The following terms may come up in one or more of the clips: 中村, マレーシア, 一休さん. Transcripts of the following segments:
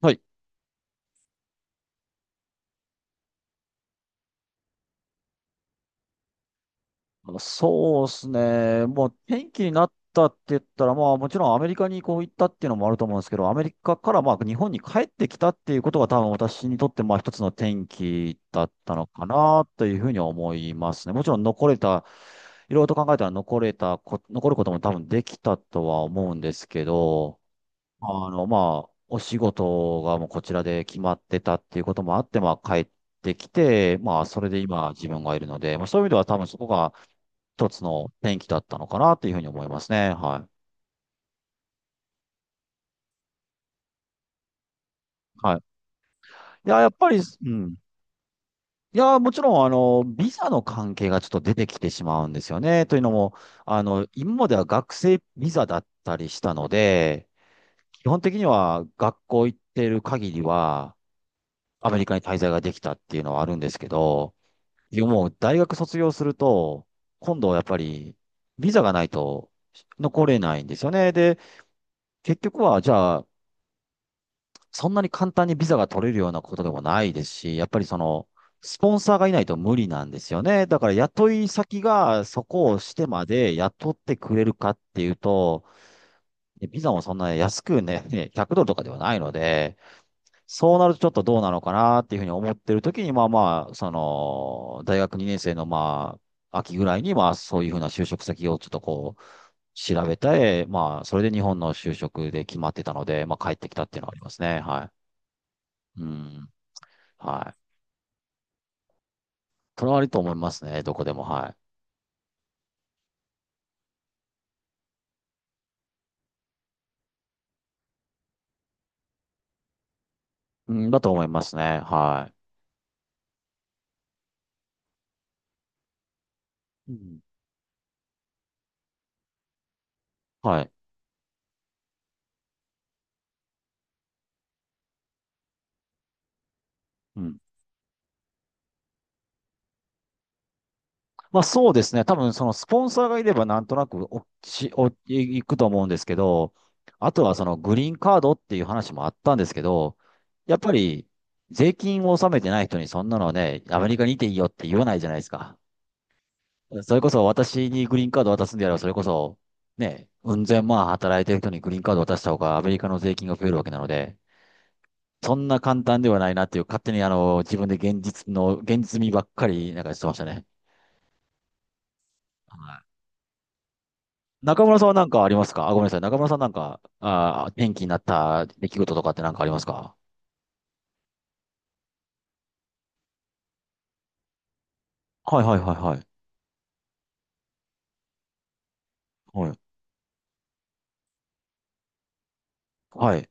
はい。あのそうですね。もう天気になったって言ったら、まあもちろんアメリカにこう行ったっていうのもあると思うんですけど、アメリカからまあ日本に帰ってきたっていうことが多分私にとってまあ一つの転機だったのかなというふうに思いますね。もちろん残れた、いろいろと考えたら残ることも多分できたとは思うんですけど、あの、まあ、お仕事がもうこちらで決まってたっていうこともあって、まあ、帰ってきて、まあ、それで今自分がいるので、まあ、そういう意味では多分そこが一つの転機だったのかなっていうふうに思いますね。はい。はい。いや、やっぱり、うん。いや、もちろん、あの、ビザの関係がちょっと出てきてしまうんですよね。というのも、あの、今までは学生ビザだったりしたので、基本的には学校行ってる限りは、アメリカに滞在ができたっていうのはあるんですけど、でもう大学卒業すると、今度はやっぱりビザがないと残れないんですよね。で、結局はじゃあ、そんなに簡単にビザが取れるようなことでもないですし、やっぱりその、スポンサーがいないと無理なんですよね。だから雇い先がそこをしてまで雇ってくれるかっていうと、ビザもそんな安くね、100ドルとかではないので、そうなるとちょっとどうなのかなっていうふうに思ってる時に、まあまあ、その、大学2年生のまあ、秋ぐらいに、まあそういうふうな就職先をちょっとこう、調べて、まあ、それで日本の就職で決まってたので、まあ帰ってきたっていうのはありますね。はい。うん。はい。それはあると思いますね。どこでも。はい。うん、だと思いますね。はい。うん、はい。うん、まあそうですね。多分そのスポンサーがいればなんとなくおしおいくと思うんですけど、あとはそのグリーンカードっていう話もあったんですけど、やっぱり税金を納めてない人にそんなのね、アメリカにいていいよって言わないじゃないですか。それこそ私にグリーンカード渡すんであれば、それこそね、うん千万働いてる人にグリーンカード渡した方がアメリカの税金が増えるわけなので、そんな簡単ではないなっていう、勝手にあの、自分で現実の、現実味ばっかりなんかしてましたね。中村さんは何かありますか？あ、ごめんなさい。中村さんなんか、転機になった出来事とかって何かありますか？はいはいはいはい。はい。はい。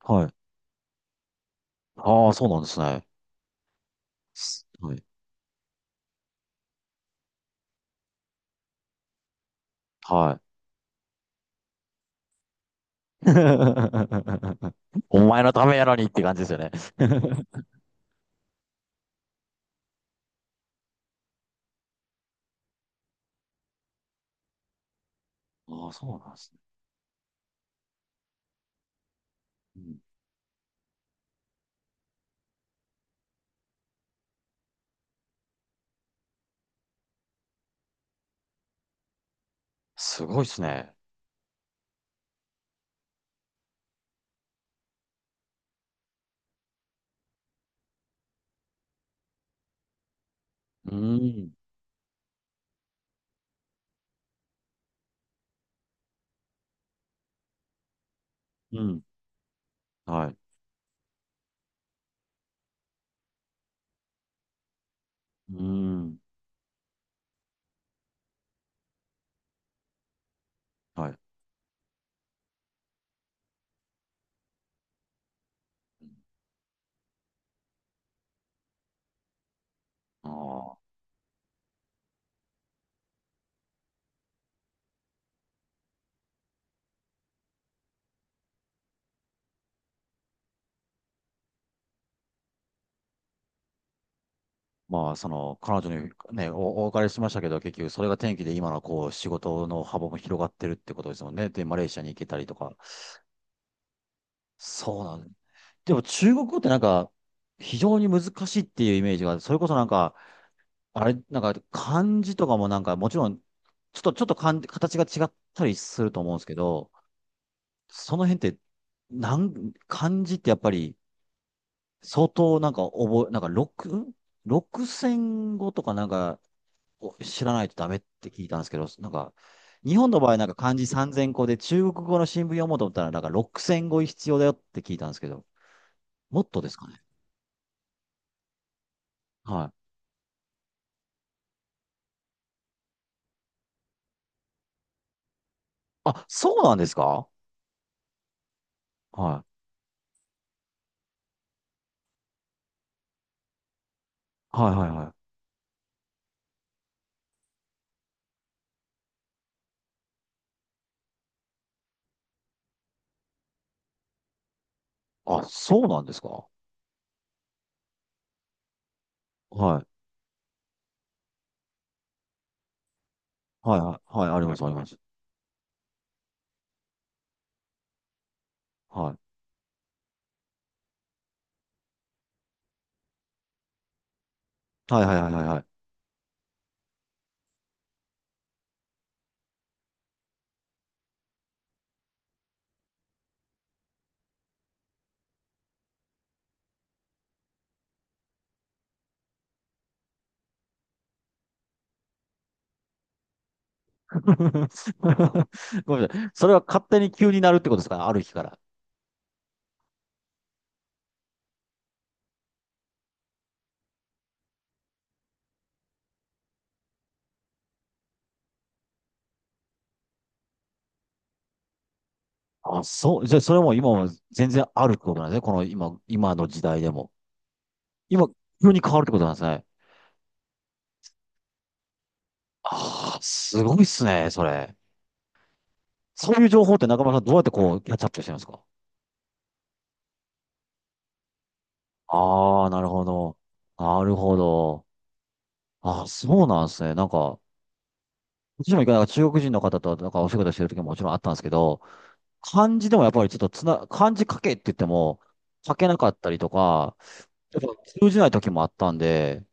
はい。ああ、そうなんですね。すはい。はい。お前のためやのにって感じですよね。ああ、そうなんですね。うん、すごいですね。うーん。うん。はい。うーん。はい。ああ。まあ、その、彼女にね、お別れしましたけど、結局それが転機で今のこう、仕事の幅も広がってるってことですもんね。で、マレーシアに行けたりとか。そうなんで、でも中国語ってなんか、非常に難しいっていうイメージが、それこそなんか、あれ、なんか漢字とかもなんか、もちろん、ちょっと漢字形が違ったりすると思うんですけど、その辺って、漢字ってやっぱり、相当なんかなんか六千語とかなんか、お知らないとダメって聞いたんですけど、なんか、日本の場合なんか漢字3000個で中国語の新聞読もうと思ったらなんか6000語必要だよって聞いたんですけど、もっとですかね。はい。あ、そうなんですか？はい。はいはいはい。あ、そうなんですか？はい。はいはいはい。あります、あります。はい。はいはいはいはいはい。ごめんなさい。それは勝手に急になるってことですかね、ある日から。あ、そう。じゃあそれも今も全然あるってことなんですね。この今、今の時代でも。今、急に変わるってことなんですね。ああ、すごいっすね、それ。そういう情報って中村さんどうやってこう、キャッチアップしてるんですか？ああー、なるほど。なるほど。ああ、そうなんですね。なんか、私も一回なんか中国人の方となんかお仕事してる時ももちろんあったんですけど、漢字でもやっぱりちょっと漢字書けって言っても、書けなかったりとか、やっぱ通じない時もあったんで、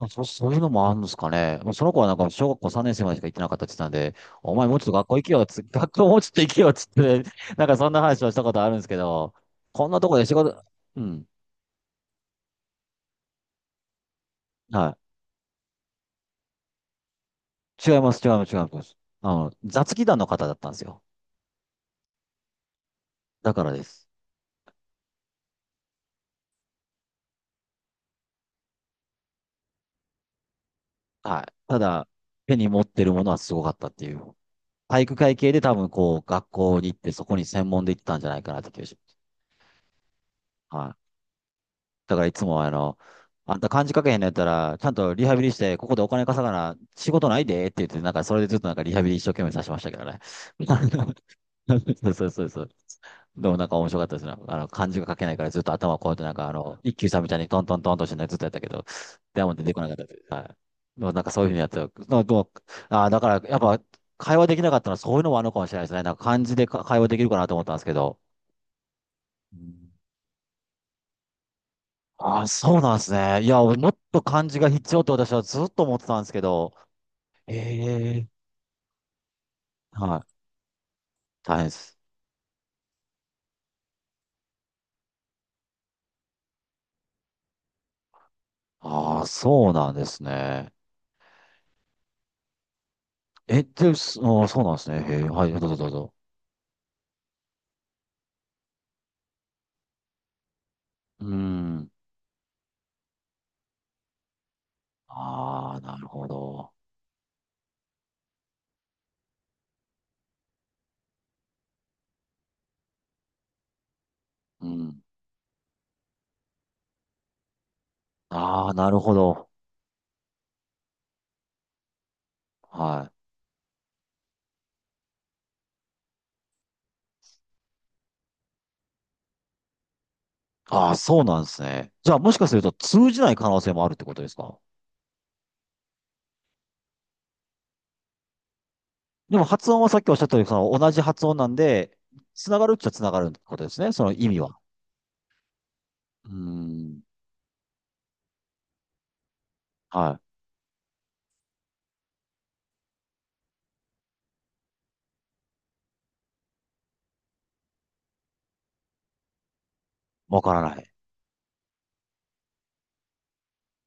そういうのもあるんですかね。もうその子はなんか小学校3年生までしか行ってなかったって言ってたんで、お前もうちょっと学校行けよっつ、学校もうちょっと行けよっつって、なんかそんな話をしたことあるんですけど、こんなとこで仕事、うん。はい。違います、違います、違います。あの、雑技団の方だったんですよ。だからです。はい。ただ、手に持ってるものはすごかったっていう。体育会系で多分こう、学校に行ってそこに専門で行ってたんじゃないかなって気がします。はい。だからいつもあの、あんた漢字書けへんのやったら、ちゃんとリハビリして、ここでお金稼がな、仕事ないでって言って、なんかそれでずっとなんかリハビリ一生懸命させてましたけどね。そうそうそうそう。でもなんか面白かったですね。あの、漢字が書けないからずっと頭をこうやってなんかあの、一休さんみたいにトントントンとしてねずっとやったけど、でも出てこなかったです。はい。でもなんかそういうふうにやってた、でも、だからやっぱ会話できなかったのはそういうのもあるのかもしれないですね。なんか漢字でか会話できるかなと思ったんですけど。うん。ああ、そうなんですね。いや、俺もっと漢字が必要って私はずっと思ってたんですけど、ええ。はい、大変です。ああ、そうなんですね。え、で、すあーそうなんですね。へえ、はい、どうぞどうぞ。うん。ああ、なるほど。うん。ああ、なるほど。はい。ああ、そうなんですね。じゃあ、もしかすると通じない可能性もあるってことですか？でも発音はさっきおっしゃったように、その同じ発音なんで、つながるっちゃつながるってことですね。その意味は。うーん。はい。わからない。